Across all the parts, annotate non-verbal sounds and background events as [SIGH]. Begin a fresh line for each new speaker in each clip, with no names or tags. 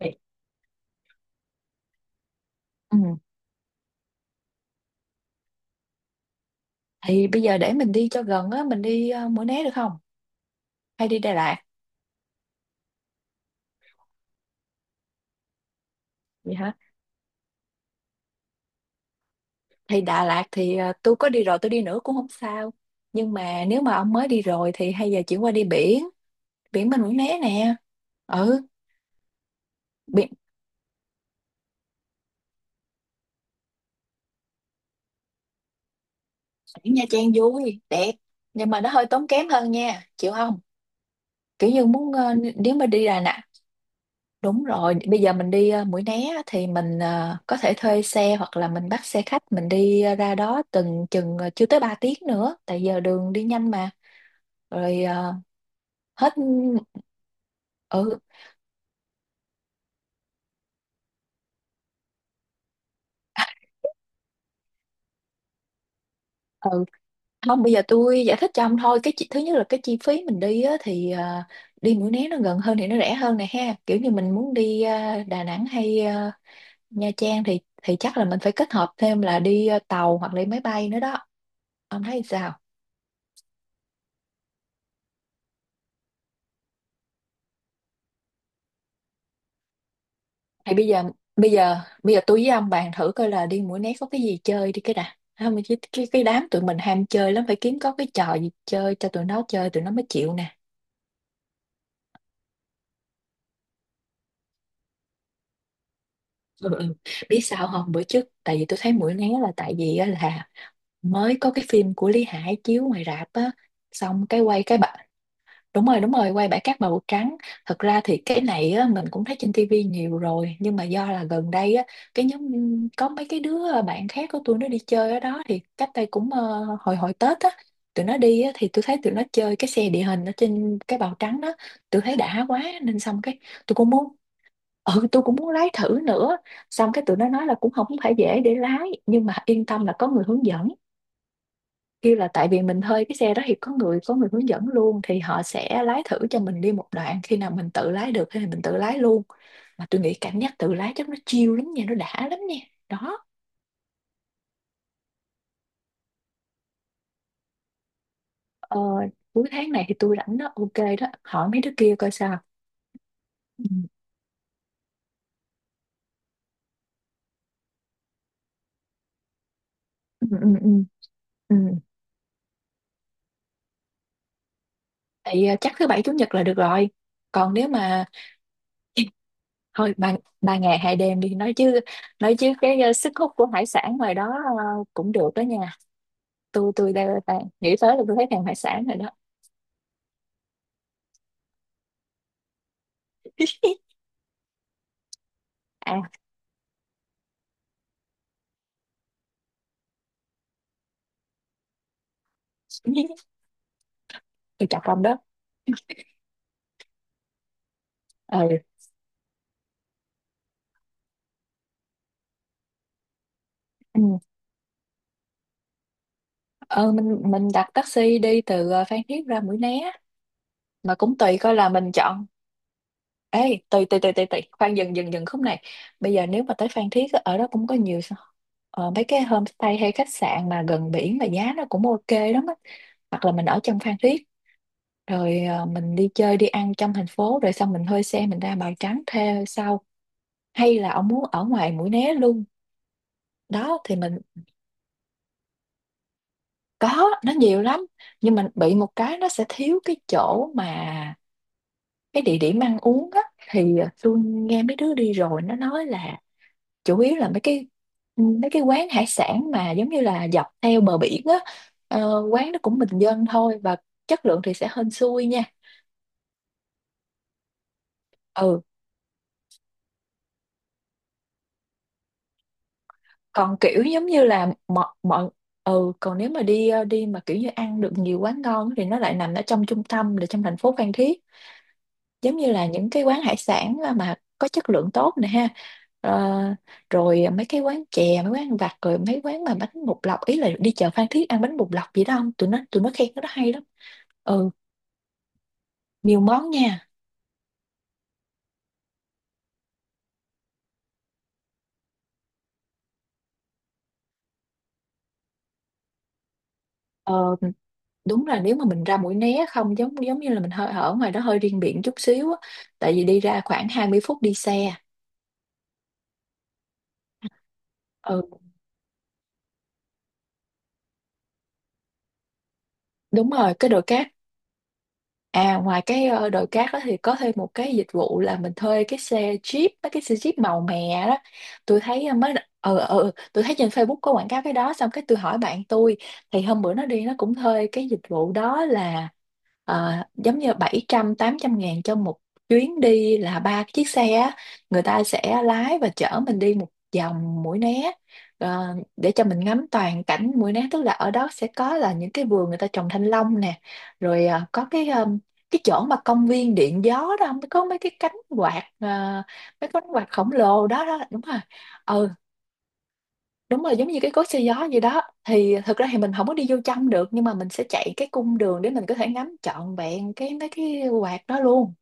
Vậy- Ừ. Thì bây giờ để mình đi cho gần á, mình đi Mũi Né được không? Hay đi Đà Lạt? Vậy hả? Thì Đà Lạt thì tôi có đi rồi, tôi đi nữa cũng không sao. Nhưng mà nếu mà ông mới đi rồi thì hay giờ chuyển qua đi biển, biển bên Mũi Né nè. Ừ, biển, biển Nha Trang vui, đẹp. Nhưng mà nó hơi tốn kém hơn nha, chịu không? Kiểu như muốn nếu mà đi Đà Nẵng. Đúng rồi, bây giờ mình đi Mũi Né á, thì mình có thể thuê xe hoặc là mình bắt xe khách mình đi ra đó từng chừng chưa tới 3 tiếng nữa, tại giờ đường đi nhanh mà. Rồi hết. Ừ, ừ. [LAUGHS] Không, bây giờ tôi giải thích cho ông thôi cái thứ nhất là cái chi phí mình đi á, thì đi Mũi Né nó gần hơn thì nó rẻ hơn này ha, kiểu như mình muốn đi Đà Nẵng hay Nha Trang thì chắc là mình phải kết hợp thêm là đi tàu hoặc là đi máy bay nữa đó. Ông thấy sao? Thì bây giờ bây giờ tôi với ông bàn thử coi là đi Mũi Né có cái gì chơi đi cái đã. Không, cái đám tụi mình ham chơi lắm, phải kiếm có cái trò gì chơi cho tụi nó chơi tụi nó mới chịu nè. Ừ, ừ. Biết sao không, bữa trước tại vì tôi thấy Mũi Né là tại vì á là mới có cái phim của Lý Hải chiếu ngoài rạp á, xong cái quay cái bà. Đúng rồi, quay bãi cát màu trắng. Thật ra thì cái này á, mình cũng thấy trên tivi nhiều rồi, nhưng mà do là gần đây á, cái nhóm có mấy cái đứa bạn khác của tôi nó đi chơi ở đó thì cách đây cũng hồi hồi Tết á, tụi nó đi á, thì tôi thấy tụi nó chơi cái xe địa hình ở trên cái bào trắng đó. Tôi thấy đã quá nên xong cái tôi cũng muốn tôi cũng muốn lái thử nữa. Xong cái tụi nó nói là cũng không phải dễ để lái nhưng mà yên tâm là có người hướng dẫn, kêu là tại vì mình thuê cái xe đó thì có người hướng dẫn luôn, thì họ sẽ lái thử cho mình đi một đoạn, khi nào mình tự lái được thì mình tự lái luôn. Mà tôi nghĩ cảm giác tự lái chắc nó chill lắm nha, nó đã lắm nha. Đó. ờ, Cuối tháng này thì tôi rảnh đó, ok. Đó hỏi mấy đứa kia coi sao. Ừ, ừ, ừ, ừ. Ừ. Thì chắc thứ bảy chủ nhật là được rồi. Còn nếu mà thôi, ba 3 ngày 2 đêm đi. Nói chứ cái sức hút của hải sản ngoài đó ờ, cũng được đó nha. Tôi đang nghĩ tới là tôi thấy thèm hải sản rồi đó. À, [LAUGHS] từ trọng lòng đó. Ừ. Ừ. ờ mình đặt taxi đi từ Phan Thiết ra Mũi Né. Mà cũng tùy coi là mình chọn. Ê, tùy tùy tùy tùy tùy, khoan, dừng dừng dừng khúc này. Bây giờ nếu mà tới Phan Thiết á, ở đó cũng có nhiều mấy cái homestay hay khách sạn mà gần biển mà giá nó cũng ok lắm á. Hoặc là mình ở trong Phan Thiết, rồi mình đi chơi đi ăn trong thành phố rồi xong mình thuê xe mình ra Bào Trắng thuê sau. Hay là ông muốn ở ngoài Mũi Né luôn? Đó thì mình có, nó nhiều lắm. Nhưng mà bị một cái nó sẽ thiếu cái chỗ mà cái địa điểm ăn uống á, thì tôi nghe mấy đứa đi rồi nó nói là chủ yếu là mấy cái quán hải sản mà giống như là dọc theo bờ biển á. Quán nó cũng bình dân thôi, và chất lượng thì sẽ hên xui nha. Ừ, còn kiểu giống như là mọi mọi. Ừ, còn nếu mà đi đi mà kiểu như ăn được nhiều quán ngon thì nó lại nằm ở trong trung tâm là trong thành phố Phan Thiết. Giống như là những cái quán hải sản mà có chất lượng tốt nè ha. Ờ, rồi mấy cái quán chè, mấy quán ăn vặt, rồi mấy quán mà bánh bột lọc, ý là đi chợ Phan Thiết ăn bánh bột lọc gì đó, không tụi nó khen cái đó hay lắm. Ừ, nhiều món nha. ờ, Đúng là nếu mà mình ra Mũi Né không, giống giống như là mình hơi ở ngoài đó hơi riêng biệt chút xíu á, tại vì đi ra khoảng 20 phút đi xe. Ừ, đúng rồi cái đồi cát. À, ngoài cái đồi cát đó thì có thêm một cái dịch vụ là mình thuê cái xe Jeep, mấy cái xe Jeep màu mè đó. Tôi thấy tôi thấy trên Facebook có quảng cáo cái đó, xong cái tôi hỏi bạn tôi. Thì hôm bữa nó đi nó cũng thuê cái dịch vụ đó là giống như 700-800 ngàn cho một chuyến đi là ba chiếc xe á. Người ta sẽ lái và chở mình đi một vòng Mũi Né, để cho mình ngắm toàn cảnh Mũi Né, tức là ở đó sẽ có là những cái vườn người ta trồng thanh long nè. Rồi có cái cái chỗ mà công viên điện gió đó không, có mấy cái cánh quạt mấy cái cánh quạt khổng lồ đó đó, đúng rồi. Ừ, đúng rồi giống như cái cối xay gió gì đó. Thì thực ra thì mình không có đi vô trong được nhưng mà mình sẽ chạy cái cung đường để mình có thể ngắm trọn vẹn cái mấy cái quạt đó luôn.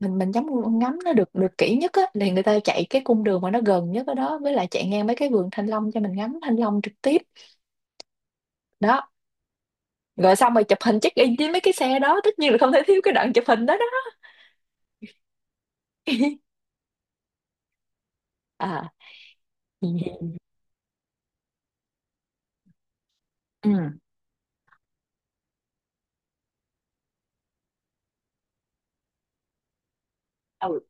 Mình ngắm ngắm nó được được kỹ nhất á thì người ta chạy cái cung đường mà nó gần nhất ở đó, với lại chạy ngang mấy cái vườn thanh long cho mình ngắm thanh long trực tiếp. Đó, rồi xong rồi chụp hình check in với mấy cái xe đó, tất nhiên là không thể thiếu cái đoạn chụp hình đó đó. À, [LAUGHS] ừ,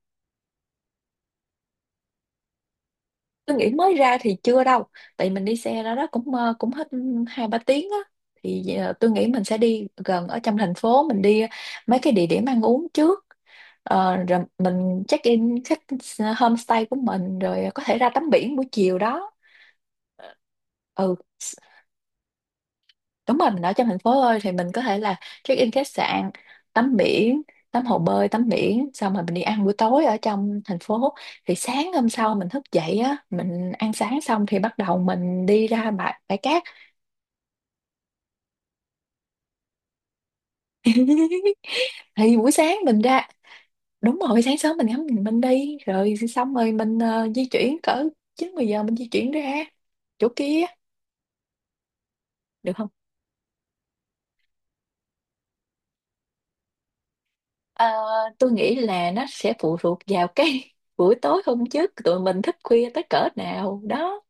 tôi nghĩ mới ra thì chưa đâu, tại mình đi xe ra đó cũng cũng hết 2-3 tiếng á. Thì tôi nghĩ mình sẽ đi gần ở trong thành phố, mình đi mấy cái địa điểm ăn uống trước. Ờ, rồi mình check in khách homestay của mình, rồi có thể ra tắm biển buổi chiều đó. Ờ, ừ, đúng rồi mình ở trong thành phố thôi thì mình có thể là check in khách sạn, tắm biển, tắm hồ bơi, tắm biển xong rồi mình đi ăn buổi tối ở trong thành phố. Thì sáng hôm sau mình thức dậy á, mình ăn sáng xong thì bắt đầu mình đi ra bãi bãi cát. [LAUGHS] Thì buổi sáng mình ra, đúng rồi sáng sớm mình ngắm bình minh đi, rồi xong rồi mình di chuyển cỡ 9-10 giờ mình di chuyển ra chỗ kia được không? Ờ, tôi nghĩ là nó sẽ phụ thuộc vào cái [LAUGHS] buổi tối hôm trước tụi mình thức khuya tới cỡ nào đó.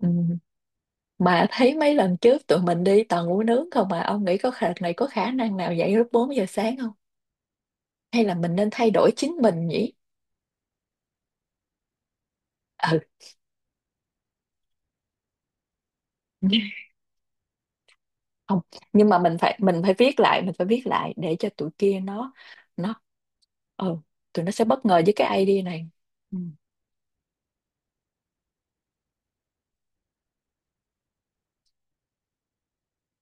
Ừ. Mà thấy mấy lần trước tụi mình đi toàn ngủ nướng không, mà ông nghĩ có khả này có khả năng nào dậy lúc 4 giờ sáng không? Hay là mình nên thay đổi chính mình nhỉ? Ừ, [LAUGHS] không nhưng mà mình phải viết lại, để cho tụi kia nó. Ừ, tụi nó sẽ bất ngờ với cái idea này. Ừ.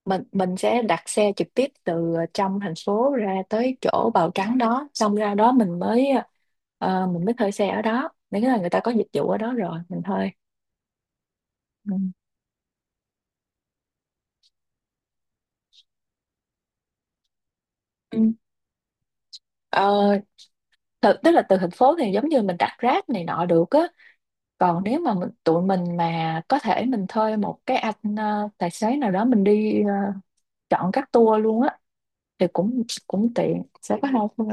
Mình sẽ đặt xe trực tiếp từ trong thành phố ra tới chỗ Bào Trắng đó, xong ra đó mình mới thuê xe ở đó, nếu là người ta có dịch vụ ở đó rồi mình thuê. Ừ. Ừ. Ờ, tức là từ thành phố thì giống như mình đặt Grab này nọ được á. Còn nếu mà tụi mình mà có thể mình thuê một cái anh tài xế nào đó mình đi chọn các tour luôn á thì cũng cũng tiện, sẽ có hai phương.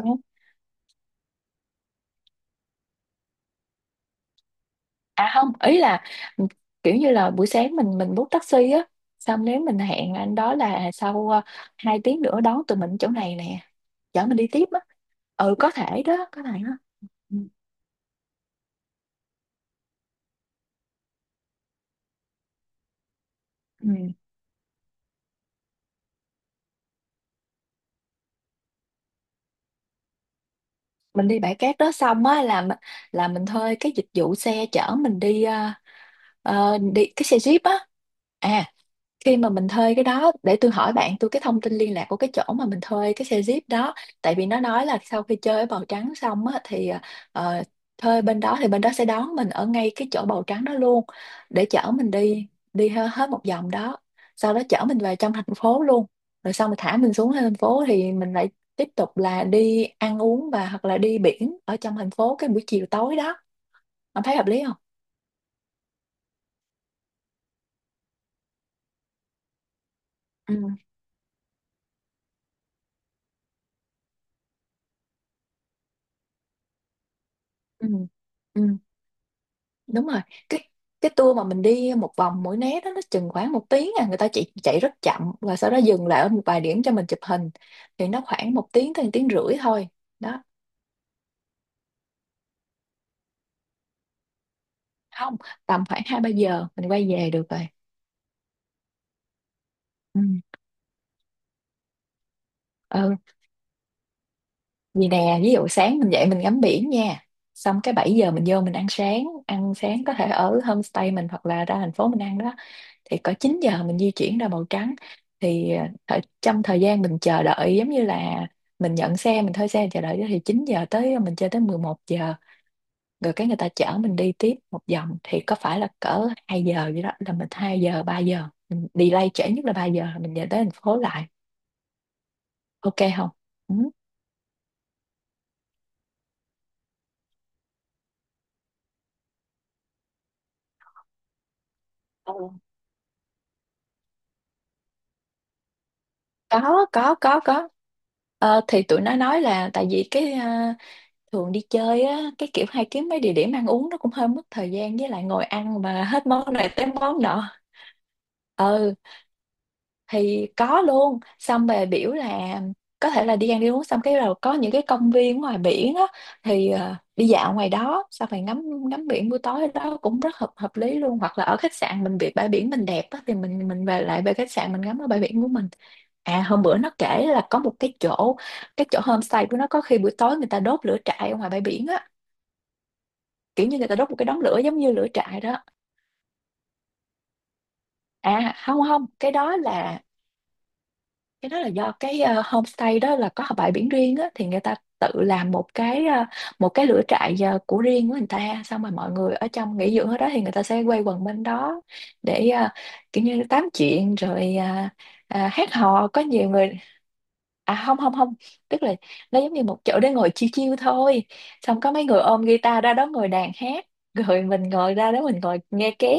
À không, ý là ừ, kiểu như là buổi sáng mình bút taxi á, xong nếu mình hẹn anh đó là sau 2 tiếng nữa đón tụi mình chỗ này nè, chở mình đi tiếp á. Ừ, có thể đó, có thể đó. Ừ. Ừ. Mình đi bãi cát đó xong á là mình thuê cái dịch vụ xe chở mình đi đi cái xe jeep á. À, khi mà mình thuê cái đó để tôi hỏi bạn tôi cái thông tin liên lạc của cái chỗ mà mình thuê cái xe Jeep đó. Tại vì nó nói là sau khi chơi ở Bào Trắng xong á thì ờ, thuê bên đó thì bên đó sẽ đón mình ở ngay cái chỗ Bào Trắng đó luôn, để chở mình đi đi he- hết một vòng đó. Sau đó chở mình về trong thành phố luôn. Rồi xong mình thả mình xuống thành phố thì mình lại tiếp tục là đi ăn uống và hoặc là đi biển ở trong thành phố cái buổi chiều tối đó. Ông thấy hợp lý không? Ừ, ừ, ừ. Đúng rồi. Cái cái tour mà mình đi một vòng Mũi Né đó nó chừng khoảng 1 tiếng à, người ta chỉ chạy rất chậm và sau đó dừng lại ở một vài điểm cho mình chụp hình. Thì nó khoảng 1 tiếng tới 1 tiếng rưỡi thôi. Đó. Không, tầm khoảng 2-3 giờ mình quay về được rồi. Ừ. Ừ. Vì nè, ví dụ sáng mình dậy mình ngắm biển nha. Xong cái 7 giờ mình vô mình ăn sáng có thể ở homestay mình hoặc là ra thành phố mình ăn đó. Thì có 9 giờ mình di chuyển ra màu trắng. Thì ở trong thời gian mình chờ đợi giống như là mình nhận xe mình thuê xe chờ đợi thì 9 giờ tới mình chơi tới 11 giờ. Rồi cái người ta chở mình đi tiếp một vòng thì có phải là cỡ 2 giờ vậy, đó là mình 2 giờ 3 giờ. Mình delay trễ nhất là 3 giờ là mình về tới thành phố lại. Ok không? Ừ. Ừ. Có, có, có, có. Thì tụi nó nói là tại vì cái thường đi chơi á cái kiểu hay kiếm mấy địa điểm ăn uống nó cũng hơi mất thời gian, với lại ngồi ăn mà hết món này tới món nọ. Ừ. Thì có luôn. Xong về biểu là có thể là đi ăn đi uống xong cái rồi có những cái công viên ngoài biển á, thì đi dạo ngoài đó xong rồi ngắm ngắm biển buổi tối đó cũng rất hợp hợp lý luôn, hoặc là ở khách sạn mình bị bãi biển mình đẹp á thì mình về khách sạn mình ngắm ở bãi biển của mình. À, hôm bữa nó kể là có một cái chỗ homestay của nó có khi buổi tối người ta đốt lửa trại ở ngoài bãi biển á, kiểu như người ta đốt một cái đống lửa giống như lửa trại đó. À, không, không, cái đó là do cái homestay đó là có bãi biển riêng á, thì người ta tự làm một cái lửa trại của riêng của người ta. Xong rồi mọi người ở trong nghỉ dưỡng ở đó thì người ta sẽ quay quần bên đó để kiểu như tám chuyện rồi hát hò, có nhiều người. À, không, không, không. Tức là nó giống như một chỗ để ngồi chiêu chiêu thôi. Xong có mấy người ôm guitar ra đó ngồi đàn hát. Rồi mình ngồi ra đó mình ngồi nghe ké.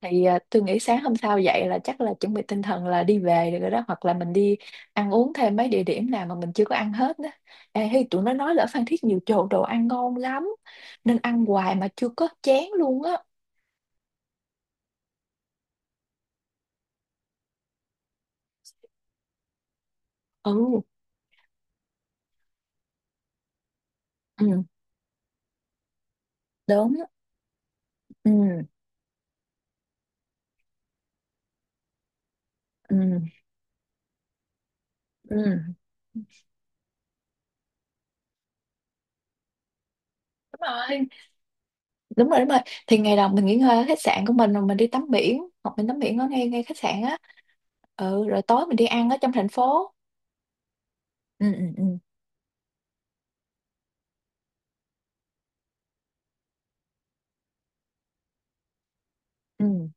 Thì à, tôi nghĩ sáng hôm sau dậy là chắc là chuẩn bị tinh thần là đi về được rồi đó, hoặc là mình đi ăn uống thêm mấy địa điểm nào mà mình chưa có ăn hết đó. Ê, hey, tụi nó nói là ở Phan Thiết nhiều chỗ đồ ăn ngon lắm nên ăn hoài mà chưa có chén luôn á. Ừ. Ừ. Đúng á. Ừ, ừ, ừ. Đúng rồi, đúng rồi, đúng rồi. Thì ngày đầu mình nghỉ ngơi ở khách sạn của mình rồi mình đi tắm biển hoặc mình tắm biển ở ngay ngay khách sạn á. Ừ. Rồi tối mình đi ăn ở trong thành phố. Ừ, ừ, ừ. Ừ,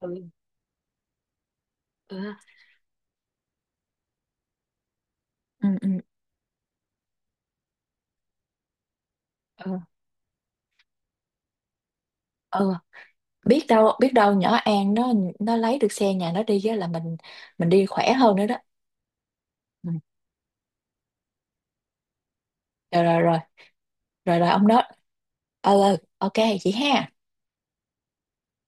ừ, ừ, ừ, ừ. Biết đâu, biết đâu nhỏ An nó lấy được xe nhà nó đi á là mình đi khỏe hơn nữa đó. Ừ. Rồi, rồi, rồi. Rồi, rồi, ông đó. Ờ. Ừ, ok chị ha.